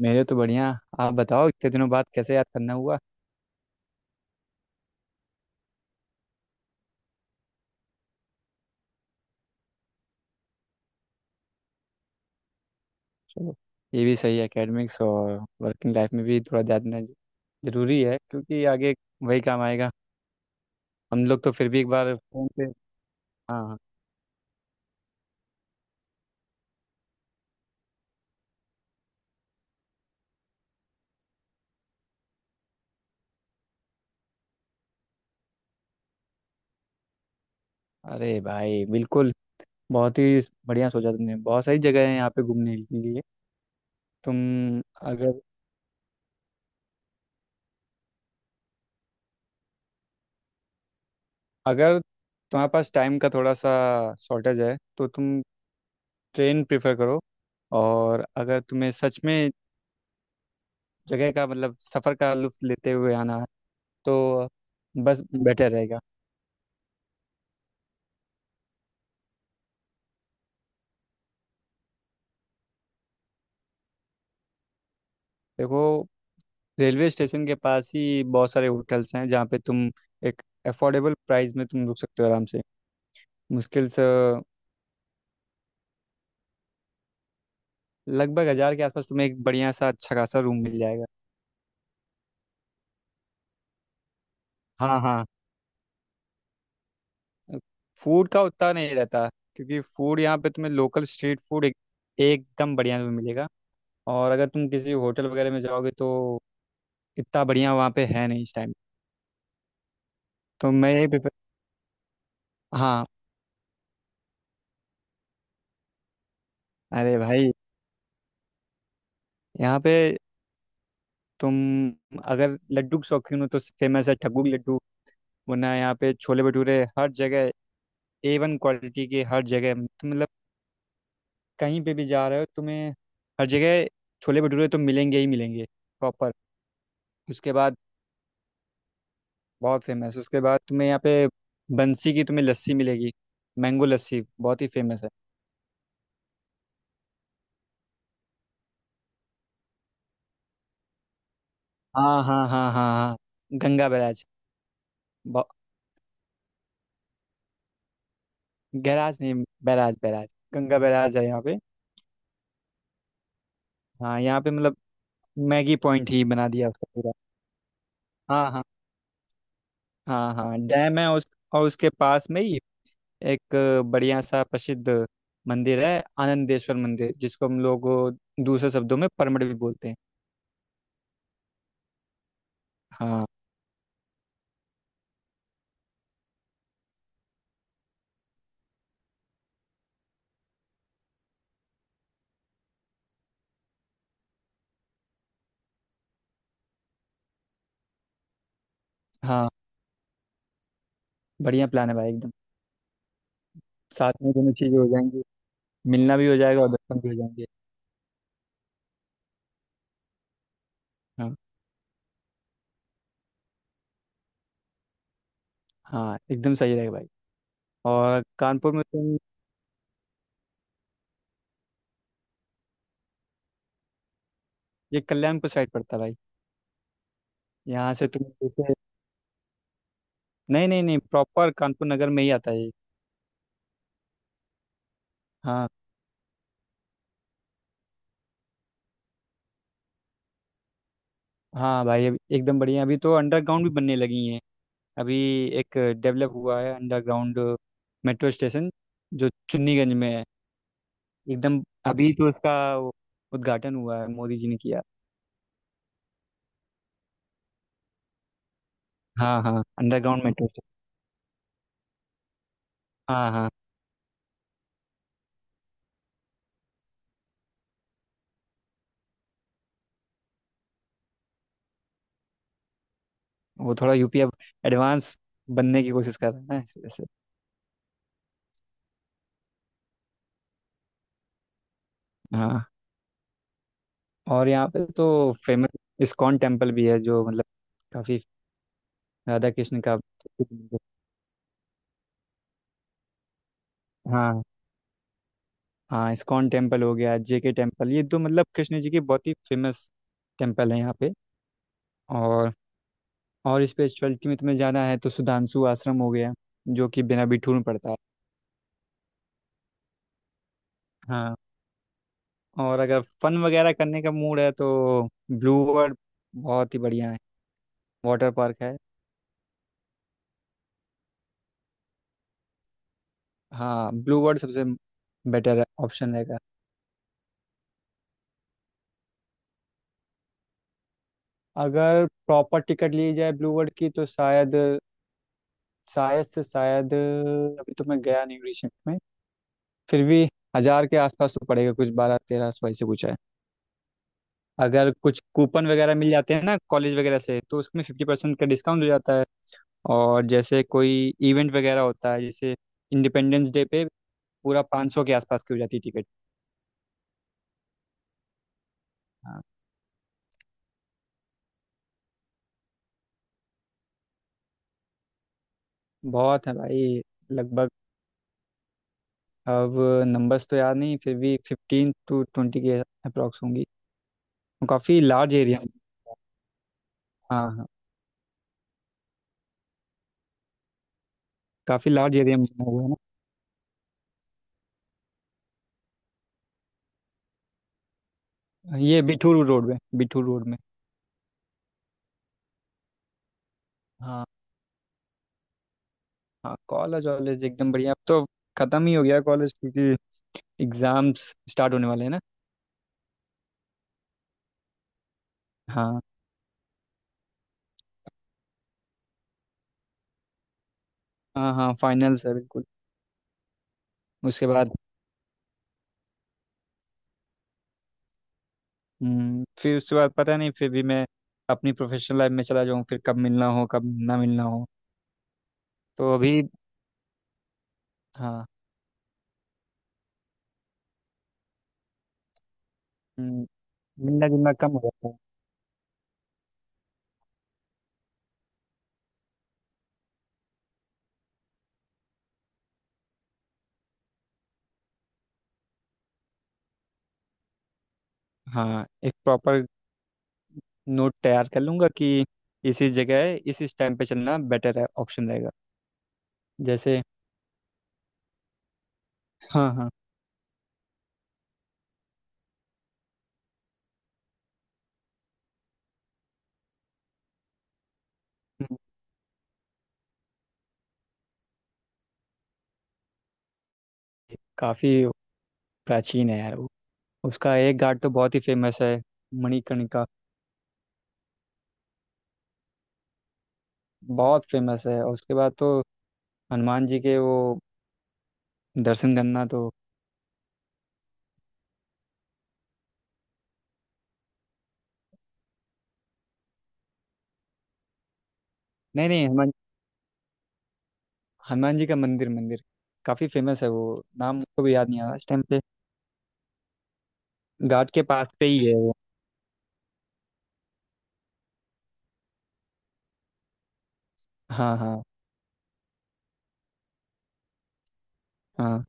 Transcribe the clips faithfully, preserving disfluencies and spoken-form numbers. मेरे तो बढ़िया। आप बताओ इतने दिनों बाद कैसे याद करना हुआ। चलो, ये भी सही है, एकेडमिक्स और वर्किंग लाइफ में भी थोड़ा जानना ज- जरूरी है क्योंकि आगे वही काम आएगा। हम लोग तो फिर भी एक बार फोन पे। हाँ हाँ। अरे भाई बिल्कुल, बहुत ही बढ़िया सोचा तुमने। बहुत सारी जगह है यहाँ पे घूमने के लिए। तुम अगर अगर तुम्हारे पास टाइम का थोड़ा सा शॉर्टेज है तो तुम ट्रेन प्रेफर करो, और अगर तुम्हें सच में जगह का मतलब सफ़र का लुत्फ लेते हुए आना है तो बस बेटर रहेगा। देखो, रेलवे स्टेशन के पास ही बहुत सारे होटल्स हैं जहाँ पे तुम एक अफोर्डेबल प्राइस में तुम रुक सकते हो आराम से। मुश्किल से लगभग हज़ार के आसपास तुम्हें एक बढ़िया सा अच्छा खासा रूम मिल जाएगा। हाँ हाँ, फूड का उतना नहीं रहता क्योंकि फूड यहाँ पे तुम्हें लोकल स्ट्रीट फूड एक, एकदम बढ़िया में मिलेगा, और अगर तुम किसी होटल वगैरह में जाओगे तो इतना बढ़िया वहाँ पे है नहीं इस टाइम। तो मैं यही प्रिफर। हाँ। अरे भाई, यहाँ पे तुम अगर लड्डू के शौकीन हो तो फेमस है ठग्गू की लड्डू, वरना यहाँ पे छोले भटूरे हर जगह, ए वन क्वालिटी के हर जगह। तुम मतलब कहीं पे भी जा रहे हो तुम्हें हर जगह छोले भटूरे तो मिलेंगे ही मिलेंगे प्रॉपर। उसके बाद बहुत फेमस, उसके बाद तुम्हें यहाँ पे बंसी की तुम्हें लस्सी मिलेगी, मैंगो लस्सी बहुत ही फेमस है। हाँ हाँ हाँ हाँ हाँ, गंगा बैराज। ब- गैराज नहीं, बैराज बैराज, गंगा बैराज है यहाँ पे। हाँ, यहाँ पे मतलब मैगी पॉइंट ही बना दिया उसका पूरा। हाँ हाँ, हाँ हाँ डैम है उस, और उसके पास में ही एक बढ़िया सा प्रसिद्ध मंदिर है, आनंदेश्वर मंदिर, जिसको हम लोग दूसरे शब्दों में परमड़ भी बोलते हैं। हाँ, हाँ बढ़िया प्लान है भाई एकदम। साथ में दोनों चीज़ें हो जाएंगी, मिलना भी हो जाएगा और दर्शन भी हो जाएंगे। हाँ हाँ एकदम सही रहेगा भाई। और कानपुर में तुम, ये कल्याणपुर साइड पड़ता है भाई। यहाँ से तुम जैसे, नहीं नहीं नहीं, प्रॉपर कानपुर नगर में ही आता है ये। हाँ। हाँ भाई अभी- एकदम बढ़िया, अभी तो अंडरग्राउंड भी बनने लगी हैं। अभी एक डेवलप हुआ है अंडरग्राउंड मेट्रो स्टेशन जो चुन्नीगंज में है, एकदम। अभी तो इसका वो उद्घाटन हुआ है, मोदी जी ने किया। हाँ हाँ, अंडरग्राउंड मेट्रो स्टेशन, हाँ हाँ। वो थोड़ा यूपी अब एडवांस बनने की कोशिश कर रहा है ना, इस वजह से। हाँ, और यहाँ पे तो फेमस इस्कॉन टेम्पल भी है जो मतलब काफी, राधा कृष्ण का। हाँ हाँ, इस्कॉन टेम्पल हो गया, जेके टेम्पल, ये तो मतलब कृष्ण जी के बहुत ही फेमस टेम्पल है यहाँ पे। और और स्पिरिचुअलिटी में तुम्हें जाना है तो सुधांशु आश्रम हो गया, जो कि बिना बिठूर में पड़ता है। हाँ, और अगर फन वगैरह करने का मूड है तो ब्लू वर्ल्ड बहुत ही बढ़िया है। वाटर पार्क है, हाँ ब्लू वर्ल्ड सबसे बेटर ऑप्शन रहेगा। अगर प्रॉपर टिकट ली जाए ब्लू वर्ल्ड की तो शायद, शायद से शायद अभी तो मैं गया नहीं रिसेंट में, फिर भी हजार के आसपास तो पड़ेगा, कुछ बारह तेरह सौ ऐसे कुछ है। अगर कुछ कूपन वगैरह मिल जाते हैं ना कॉलेज वगैरह से तो उसमें फिफ्टी परसेंट का डिस्काउंट हो जाता है। और जैसे कोई इवेंट वगैरह होता है, जैसे इंडिपेंडेंस डे पे पूरा पाँच सौ के आसपास की हो जाती है टिकट। हाँ, बहुत है भाई, लगभग, अब नंबर्स तो याद नहीं फिर भी फिफ्टीन टू ट्वेंटी के अप्रॉक्स होंगी। काफ़ी लार्ज एरिया में, हाँ हाँ, काफ़ी लार्ज एरिया में बना हुआ है। ना, ये बिठूर रोड में, बिठूर रोड में। हाँ हाँ, कॉलेज वॉलेज एकदम बढ़िया, अब तो ख़त्म ही हो गया कॉलेज क्योंकि एग्ज़ाम्स स्टार्ट होने वाले हैं ना। हाँ, हाँ हाँ फाइनल है बिल्कुल। उसके बाद, हम्म, फिर उसके बाद पता नहीं, फिर भी मैं अपनी प्रोफेशनल लाइफ में चला जाऊँ फिर कब मिलना हो कब ना मिलना हो, तो अभी। हाँ। हम्म, मिलना जुलना कम हो जाता है। हाँ, एक प्रॉपर नोट तैयार कर लूंगा कि इसी जगह है, इस इस टाइम पे चलना बेटर है, ऑप्शन रहेगा। जैसे, हाँ हाँ। हम्म, काफी प्राचीन है यार वो। उसका एक घाट तो बहुत ही फेमस है, मणिकर्णिका। बहुत फेमस है, और उसके बाद तो हनुमान जी के वो दर्शन करना तो। नहीं नहीं, हनुमान जी का मंदिर, मंदिर काफी फेमस है वो। नाम मुझको भी याद नहीं आ रहा इस टाइम पे, घाट के पास पे ही है वो। हाँ हाँ हाँ,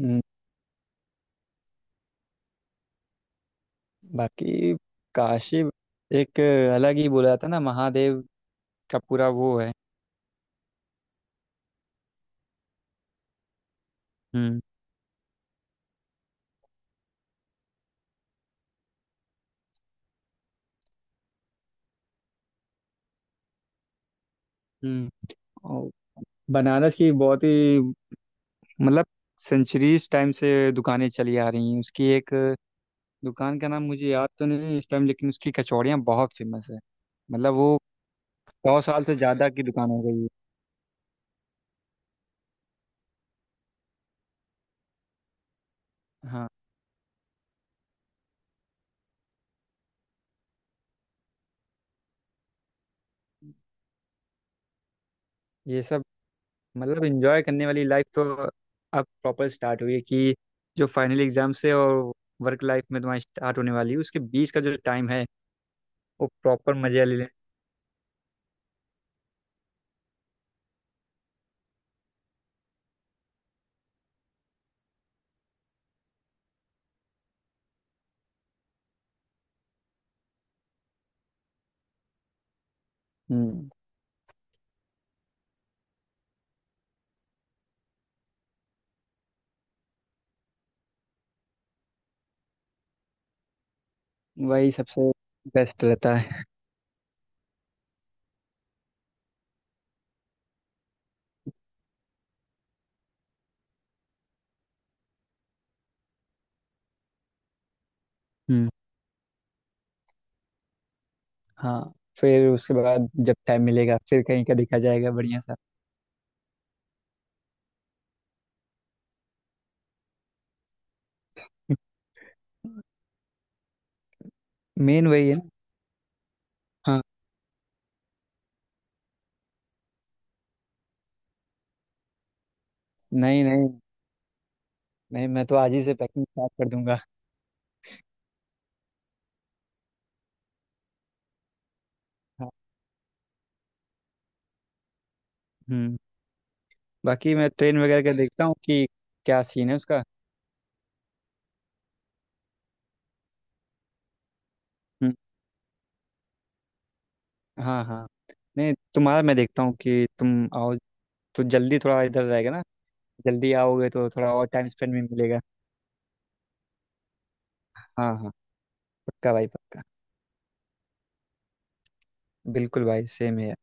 हम्म, बाकी काशी एक अलग ही बोला जाता है ना, महादेव का पूरा वो है। हम्म। हम्म, और बनारस की बहुत ही मतलब सेंचुरीज टाइम से दुकानें चली आ रही हैं। उसकी एक दुकान का नाम मुझे याद तो नहीं है इस टाइम, लेकिन उसकी कचौड़ियाँ बहुत फेमस है। मतलब वो सौ साल से ज्यादा की दुकान हो गई है। हाँ, ये सब मतलब एंजॉय करने वाली लाइफ तो अब प्रॉपर स्टार्ट हुई है कि जो फाइनल एग्जाम से और वर्क लाइफ में तुम्हारी स्टार्ट होने वाली है उसके बीच का जो टाइम है वो प्रॉपर मजे वाले ले लें। हम्म, वही सबसे बेस्ट रहता है। हम्म, हाँ, फिर उसके बाद जब टाइम मिलेगा फिर कहीं का देखा जाएगा बढ़िया सा। मेन वही है ना। हाँ, नहीं नहीं, नहीं मैं तो आज ही से पैकिंग स्टार्ट कर दूंगा। हाँ, हम्म, बाकी मैं ट्रेन वगैरह का देखता हूँ कि क्या सीन है उसका। हाँ हाँ, नहीं तुम्हारा मैं देखता हूँ कि तुम आओ तो जल्दी, थोड़ा इधर रहेगा ना। जल्दी आओगे तो थोड़ा और टाइम स्पेंड भी मिलेगा। हाँ हाँ, पक्का भाई पक्का, बिल्कुल भाई सेम है।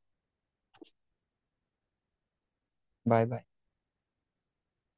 Bye bye.